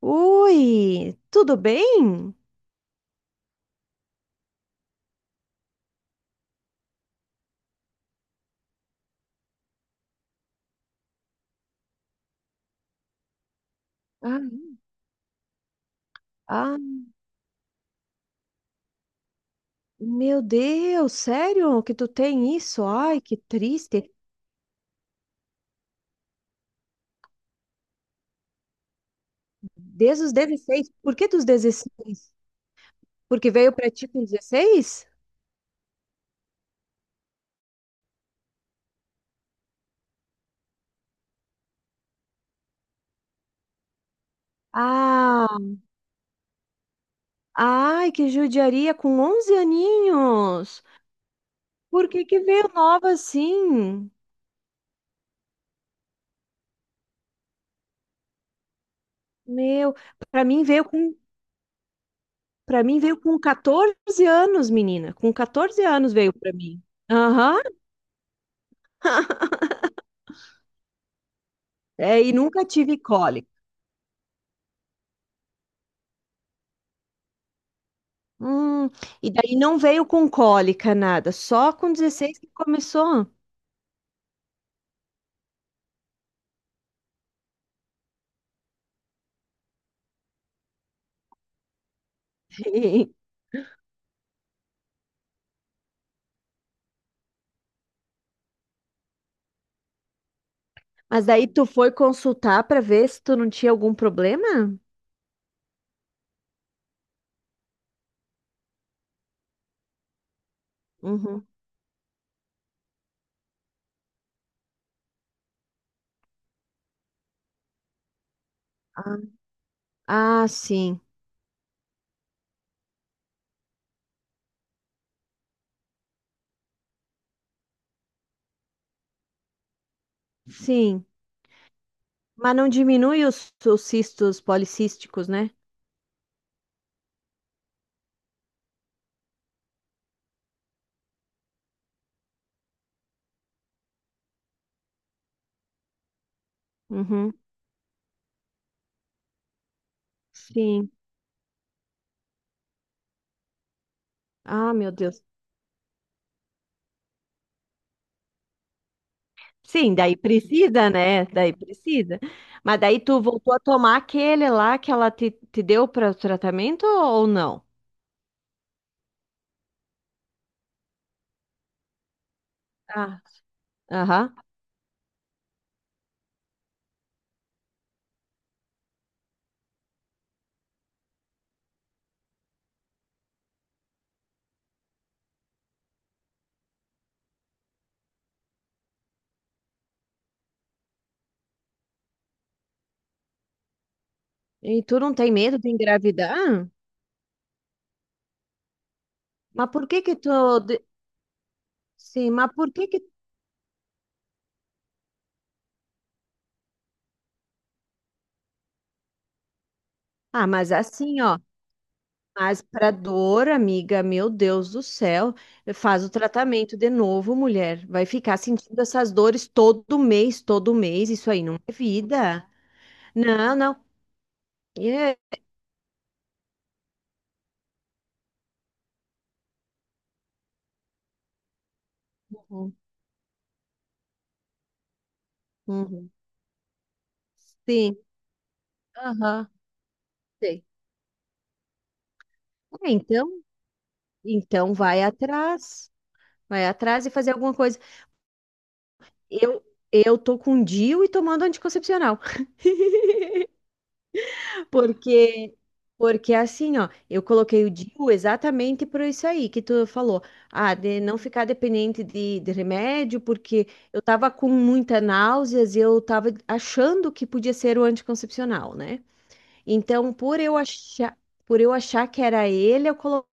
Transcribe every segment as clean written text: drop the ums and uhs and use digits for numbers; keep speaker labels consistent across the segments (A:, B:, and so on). A: Oi, tudo bem? Ah, Ah, meu Deus, sério que tu tem isso? Ai, que triste. Desde os 16? Por que dos 16? Porque veio pra ti com 16? Ah, ai, que judiaria com 11 aninhos. Por que que veio nova assim? Meu, pra mim veio com, para mim veio com 14 anos, menina. Com 14 anos veio pra mim. Aham. É, e nunca tive cólica. Hum, e daí não veio com cólica, nada, só com 16 que começou. Mas daí tu foi consultar para ver se tu não tinha algum problema? Uhum. Ah, ah, sim, sim. Mas não diminui os cistos policísticos, né? Uhum. Sim. Ah, meu Deus. Sim, daí precisa, né? Daí precisa. Mas daí tu voltou a tomar aquele lá que ela te deu para o tratamento ou não? Ah, aham. E tu não tem medo de engravidar? Mas por que que tu... Sim, mas por que que... Ah, mas assim, ó. Mas pra dor, amiga, meu Deus do céu, faz o tratamento de novo, mulher. Vai ficar sentindo essas dores todo mês, todo mês. Isso aí não é vida. Não, não. É. Uhum. Uhum. Sim. Aham. Sei. Ah, então vai atrás. Vai atrás e fazer alguma coisa. Eu, eu tô com DIU e tomando anticoncepcional. Porque, porque é assim, ó, eu coloquei o DIU exatamente por isso aí que tu falou. Ah, de não ficar dependente de remédio, porque eu tava com muita náuseas e eu tava achando que podia ser o anticoncepcional, né? Então, por eu achar que era ele, eu coloquei.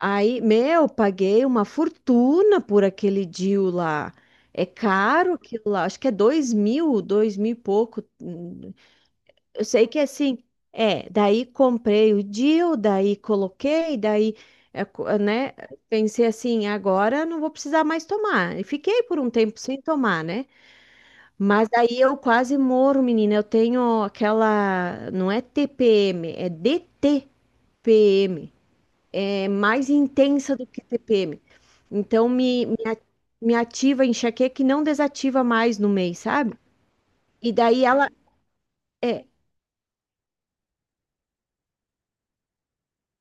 A: Aí, meu, paguei uma fortuna por aquele DIU lá. É caro aquilo lá, acho que é dois mil, dois mil e pouco. Eu sei que assim, é, daí comprei o deal, daí coloquei, daí, né, pensei assim, agora não vou precisar mais tomar. E fiquei por um tempo sem tomar, né? Mas daí eu quase morro, menina. Eu tenho aquela, não é TPM, é DTPM. É mais intensa do que TPM. Então me ativa a enxaqueca que não desativa mais no mês, sabe? E daí ela. É,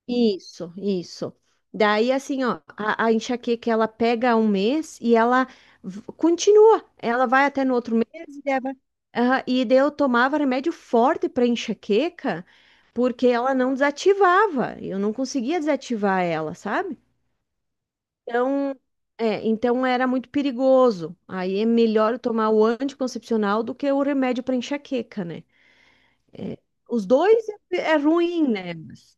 A: isso, isso. Daí, assim, ó, a enxaqueca ela pega um mês e ela continua. Ela vai até no outro mês e leva. Aham, e daí eu tomava remédio forte para enxaqueca porque ela não desativava. Eu não conseguia desativar ela, sabe? Então, então era muito perigoso. Aí é melhor eu tomar o anticoncepcional do que o remédio para enxaqueca, né? Os dois é ruim, né?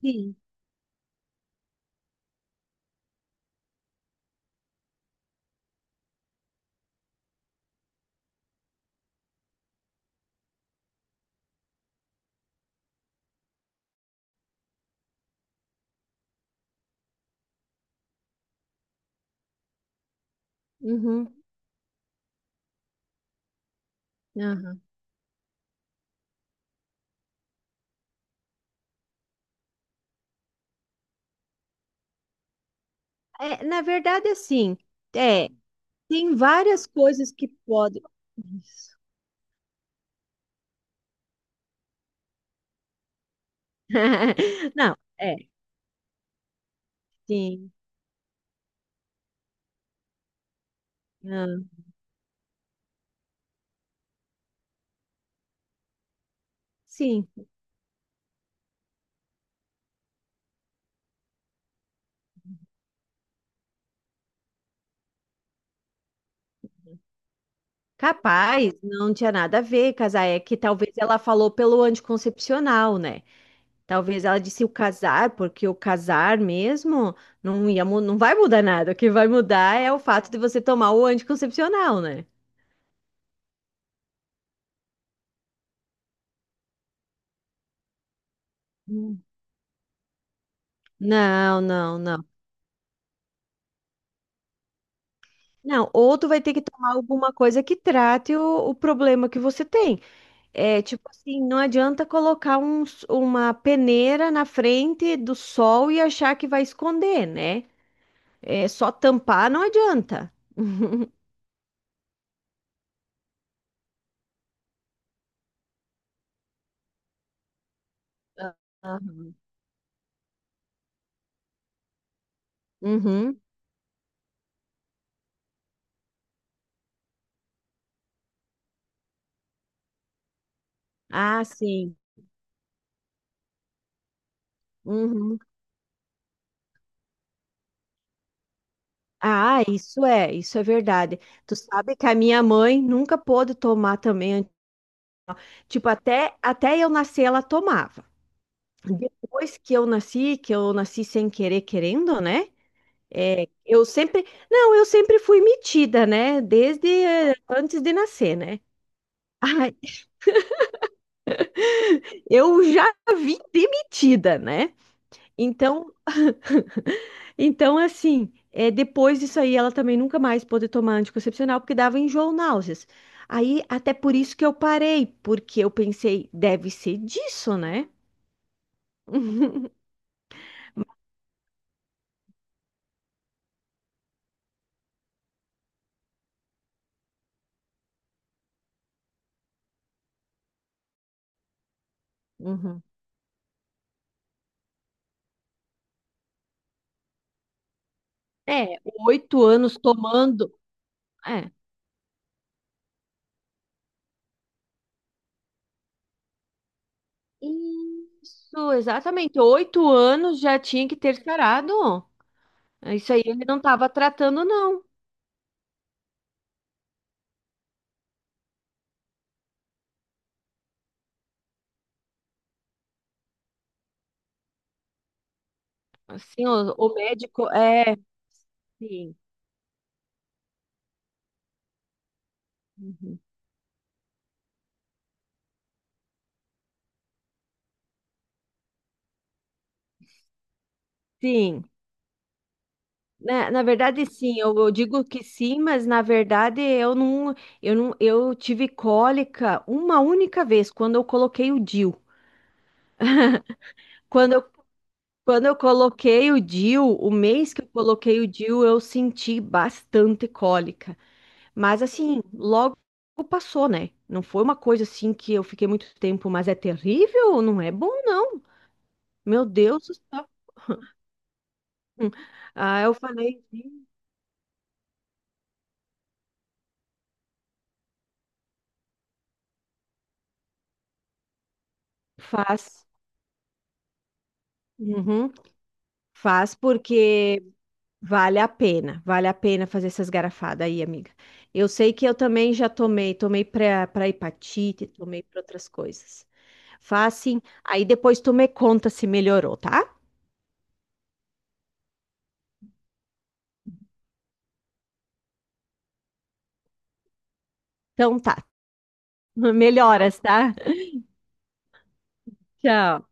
A: Sim. Uhum. Ah. É, na verdade, assim, é, tem várias coisas que podem. Isso. Não, é, sim, ah, sim, capaz, não tinha nada a ver, casar é que talvez ela falou pelo anticoncepcional, né? Talvez ela disse o casar, porque o casar mesmo não ia, não vai mudar nada. O que vai mudar é o fato de você tomar o anticoncepcional, né? Hum. Não, não, não. Não, ou tu vai ter que tomar alguma coisa que trate o problema que você tem. É tipo assim, não adianta colocar uma peneira na frente do sol e achar que vai esconder, né? É só tampar, não adianta. Aham. Uhum. Ah, sim. Uhum. Ah, isso é verdade. Tu sabe que a minha mãe nunca pôde tomar também. Tipo, até eu nascer, ela tomava. Depois que eu nasci sem querer, querendo, né? É, não, eu sempre fui metida, né? Desde antes de nascer, né? Ai, eu já vim demitida, né? Então, então assim, depois disso aí, ela também nunca mais pôde tomar anticoncepcional porque dava enjoo, náuseas. Aí, até por isso que eu parei, porque eu pensei, deve ser disso, né? Uhum. É, 8 anos tomando. É. Isso, exatamente. 8 anos já tinha que ter sarado. Isso aí ele não estava tratando, não. Assim, o médico é. Sim. Uhum. Sim. Na verdade, sim, eu digo que sim, mas na verdade eu não, eu não, eu tive cólica uma única vez quando eu coloquei o DIU. Quando eu, quando eu coloquei o DIU, o mês que eu coloquei o DIU, eu senti bastante cólica. Mas assim, logo passou, né? Não foi uma coisa assim que eu fiquei muito tempo, mas é terrível, não é bom, não. Meu Deus do céu. Hum. Ah, eu falei sim. Faz. Uhum. Faz porque vale a pena fazer essas garrafadas aí, amiga. Eu sei que eu também já tomei para hepatite, tomei para outras coisas. Faz sim. Aí depois tu me conta se melhorou, tá? Então tá. Melhoras, tá? Tchau.